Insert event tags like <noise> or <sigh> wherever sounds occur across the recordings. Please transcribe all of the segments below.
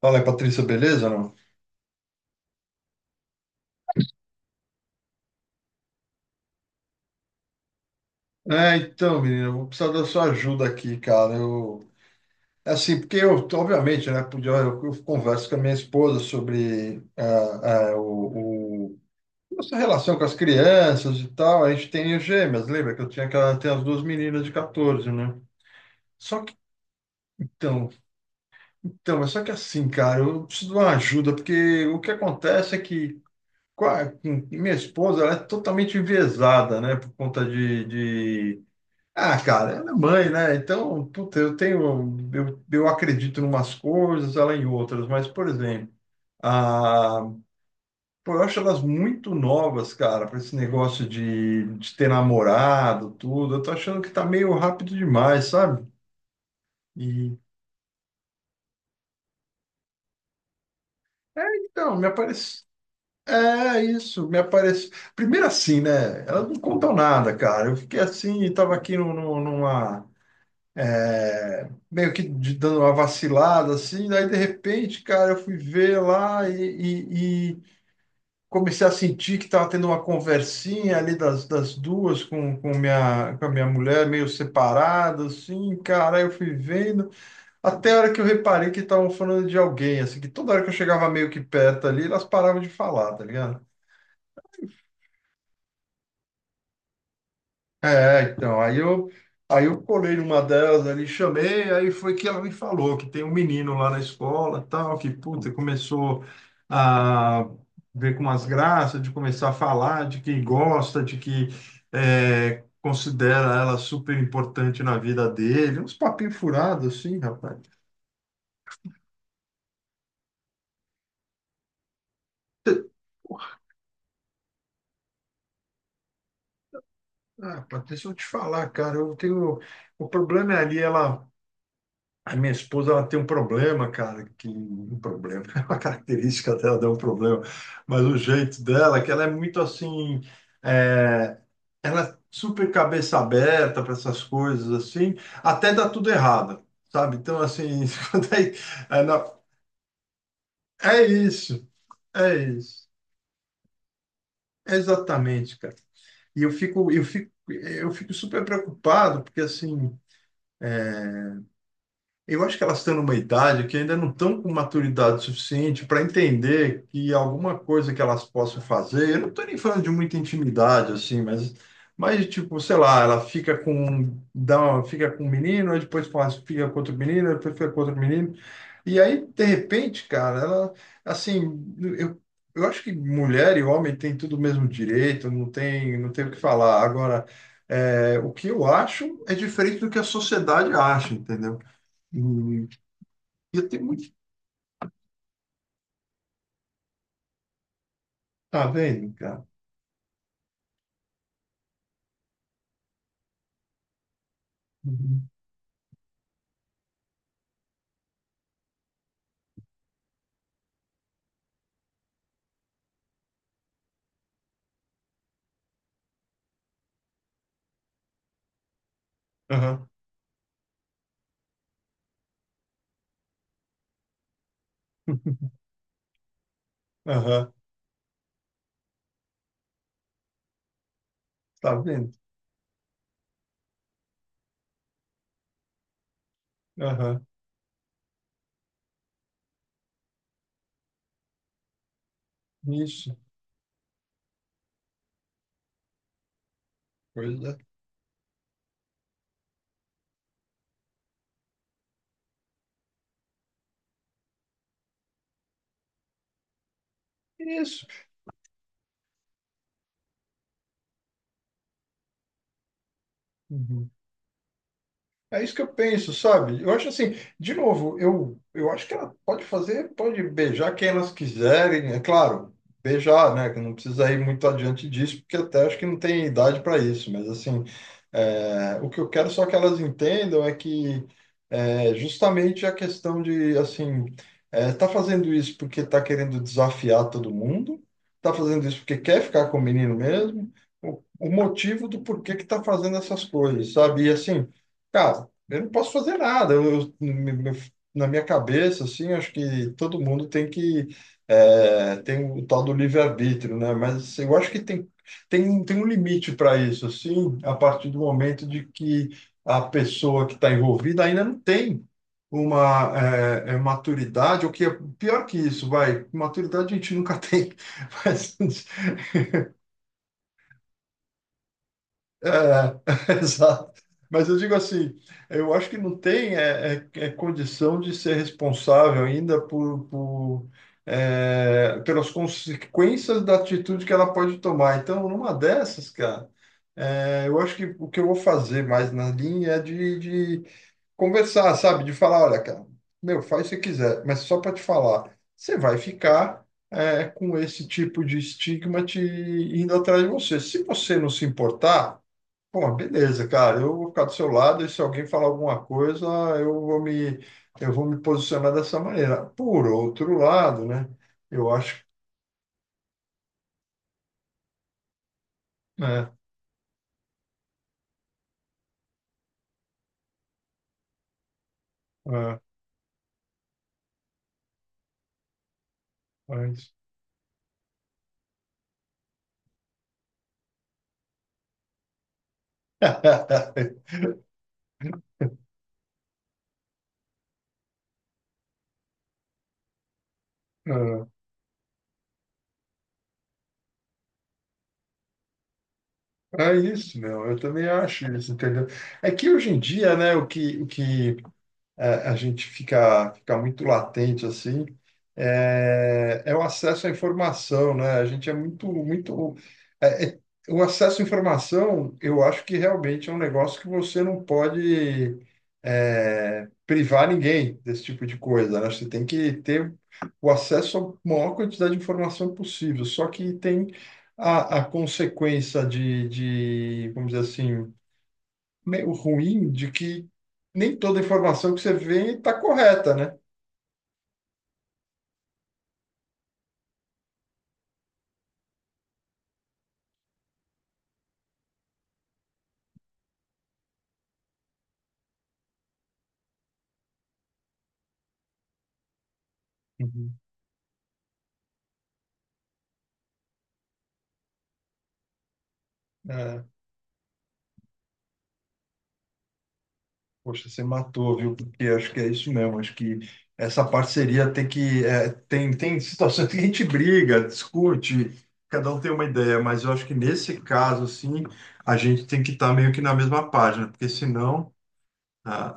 Fala, Patrícia, beleza, não? Menina, eu vou precisar da sua ajuda aqui, cara. É assim, porque eu, obviamente, né, eu converso com a minha esposa sobre nossa relação com as crianças e tal. A gente tem gêmeas, lembra que eu tinha aquela, tem as duas meninas de 14, né? Só que, então, então, mas só que assim, cara, eu preciso de uma ajuda, porque o que acontece é que com minha esposa, ela é totalmente enviesada, né, por conta de, Ah, cara, ela é mãe, né? Então, puta, eu acredito em umas coisas, ela em outras, mas, por exemplo, a, pô, eu acho elas muito novas, cara, para esse negócio de ter namorado, tudo. Eu tô achando que tá meio rápido demais, sabe? E, me aparece. É isso, me aparece. Primeiro assim, né? Elas não contam nada, cara. Eu fiquei assim, tava aqui no, no, numa, meio que dando uma vacilada, assim, daí de repente, cara, eu fui ver lá e comecei a sentir que estava tendo uma conversinha ali das duas com a minha mulher, meio separado, assim, cara, aí eu fui vendo, até a hora que eu reparei que estavam falando de alguém, assim, que toda hora que eu chegava meio que perto ali, elas paravam de falar, tá ligado? É, então, aí eu, aí eu colei numa delas ali, chamei, aí foi que ela me falou que tem um menino lá na escola, tal, que, puta, começou a ver com umas graças, de começar a falar, de que gosta, de que considera ela super importante na vida dele, uns papinhos furados, assim, rapaz. Ah, rapaz, deixa eu te falar, cara, eu tenho... O problema é ali, ela... A minha esposa, ela tem um problema, cara, que um problema, <laughs> é uma característica dela, dá um problema, mas o jeito dela é que ela é muito assim, é, ela é super cabeça aberta para essas coisas assim, até dá tudo errado, sabe? Então, assim, <laughs> quando é, é, não, é isso, é isso, é exatamente, cara. E eu fico super preocupado, porque assim, eu acho que elas estão numa idade que ainda não estão com maturidade suficiente para entender que alguma coisa que elas possam fazer, eu não estou nem falando de muita intimidade, assim, mas tipo, sei lá, ela fica com, um, fica com um menino, aí depois fica com outro menino, aí depois fica com outro menino. E aí, de repente, cara, assim, eu, eu acho que mulher e homem têm tudo o mesmo direito, não tem, não tem o que falar. Agora, o que eu acho é diferente do que a sociedade acha, entendeu? Ia ter muito. Tá vendo, cara? Uhum. Aham. <laughs> Aham. Tá vendo? Aham. Isso. Pois é. Isso. Uhum. É isso que eu penso, sabe? Eu acho assim, de novo, eu acho que ela pode fazer, pode beijar quem elas quiserem, é claro, beijar, né? Que não precisa ir muito adiante disso, porque até acho que não tem idade para isso, mas assim, o que eu quero só que elas entendam é justamente a questão de, assim, tá fazendo isso porque tá querendo desafiar todo mundo, tá fazendo isso porque quer ficar com o menino mesmo, o motivo do porquê que tá fazendo essas coisas, sabe? E assim, cara, eu não posso fazer nada. Na minha cabeça, assim, acho que todo mundo tem que, tem o tal do livre-arbítrio, né? Mas assim, eu acho que tem um limite para isso, assim, a partir do momento de que a pessoa que está envolvida ainda não tem uma, maturidade, ou que é pior que isso, vai, maturidade a gente nunca tem, <laughs> mas é, <laughs> exato. Mas eu digo assim, eu acho que não tem é condição de ser responsável ainda por, pelas consequências da atitude que ela pode tomar. Então, numa dessas, cara, eu acho que o que eu vou fazer mais na linha é de conversar, sabe? De falar, olha, cara, meu, faz o que você quiser, mas só para te falar, você vai ficar, com esse tipo de estigma te indo atrás de você. Se você não se importar, pô, beleza, cara. Eu vou ficar do seu lado e se alguém falar alguma coisa, eu vou me, eu vou me posicionar dessa maneira. Por outro lado, né? Eu acho, né? ah, mas- Ah, <laughs> É é isso, meu. Eu também acho isso, entendeu? É que hoje em dia, né? O que a gente fica, fica muito latente assim, é o acesso à informação, né? A gente é muito, muito, é- é- o acesso à informação, eu acho que realmente é um negócio que você não pode, privar ninguém desse tipo de coisa, né? Você tem que ter o acesso à maior quantidade de informação possível. Só que tem a consequência de, vamos dizer assim, meio ruim de que nem toda informação que você vê está correta, né? Uhum. É, poxa, você matou, viu? Porque acho que é isso mesmo. Acho que essa parceria tem que, tem, tem situações que a gente briga, discute, cada um tem uma ideia, mas eu acho que nesse caso, assim, a gente tem que estar meio que na mesma página, porque senão. Ah,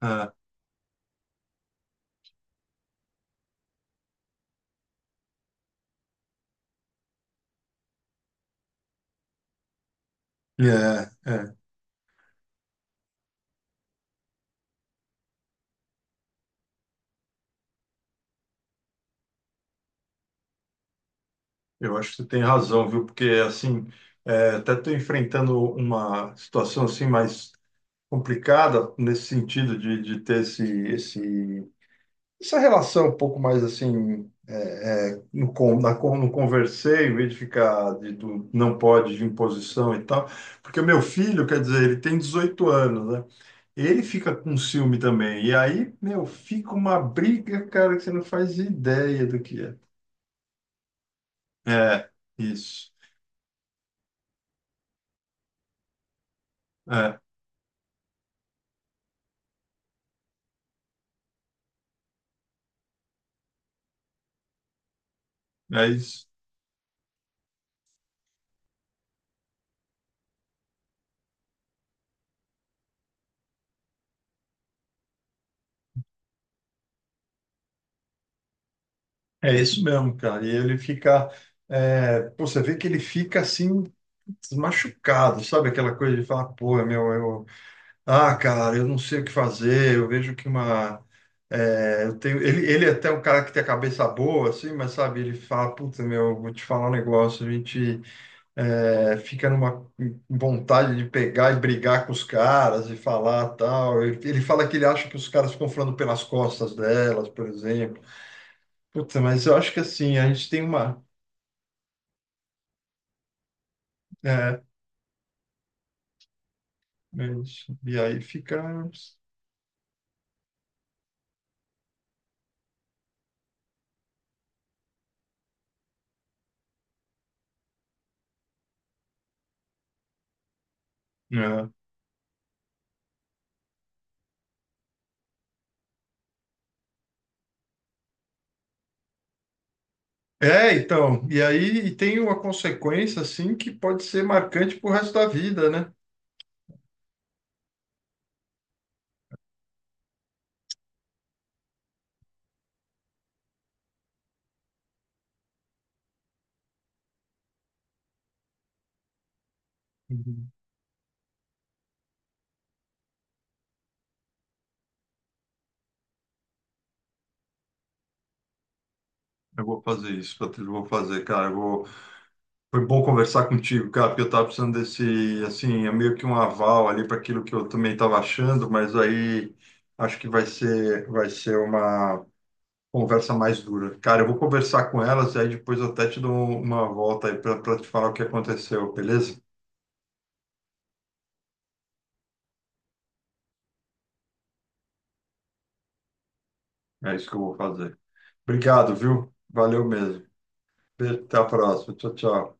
ah, é, é, eu acho que você tem razão, viu? Porque, assim, até estou enfrentando uma situação assim mais complicada nesse sentido de ter esse, essa relação um pouco mais assim, no conversei, em vez de ficar de, do não pode de imposição e tal, porque o meu filho, quer dizer, ele tem 18 anos, né? Ele fica com ciúme também. E aí, meu, fica uma briga, cara, que você não faz ideia do que é. É, isso. É, é isso. É isso mesmo, cara. E ele fica, pô, você vê que ele fica assim, machucado, sabe? Aquela coisa de falar, pô, meu, eu, ah, cara, eu não sei o que fazer, eu vejo que uma, ele é até um cara que tem a cabeça boa, assim, mas sabe, ele fala, puta, meu, vou te falar um negócio, a gente, fica numa vontade de pegar e brigar com os caras e falar tal. Ele fala que ele acha que os caras ficam falando pelas costas delas, por exemplo. Puta, mas eu acho que assim, a gente tem uma. É, é isso. E aí fica, né? É, então, e aí e tem uma consequência assim que pode ser marcante pro resto da vida, né? Uhum. Eu vou fazer isso, Patrícia, eu vou fazer, cara. Eu vou... Foi bom conversar contigo, cara, porque eu tava precisando desse, assim, é meio que um aval ali para aquilo que eu também estava achando, mas aí acho que vai ser uma conversa mais dura. Cara, eu vou conversar com elas e aí depois eu até te dou uma volta aí para te falar o que aconteceu, beleza? É isso que eu vou fazer. Obrigado, viu? Valeu mesmo. Beijo, até a próxima. Tchau, tchau.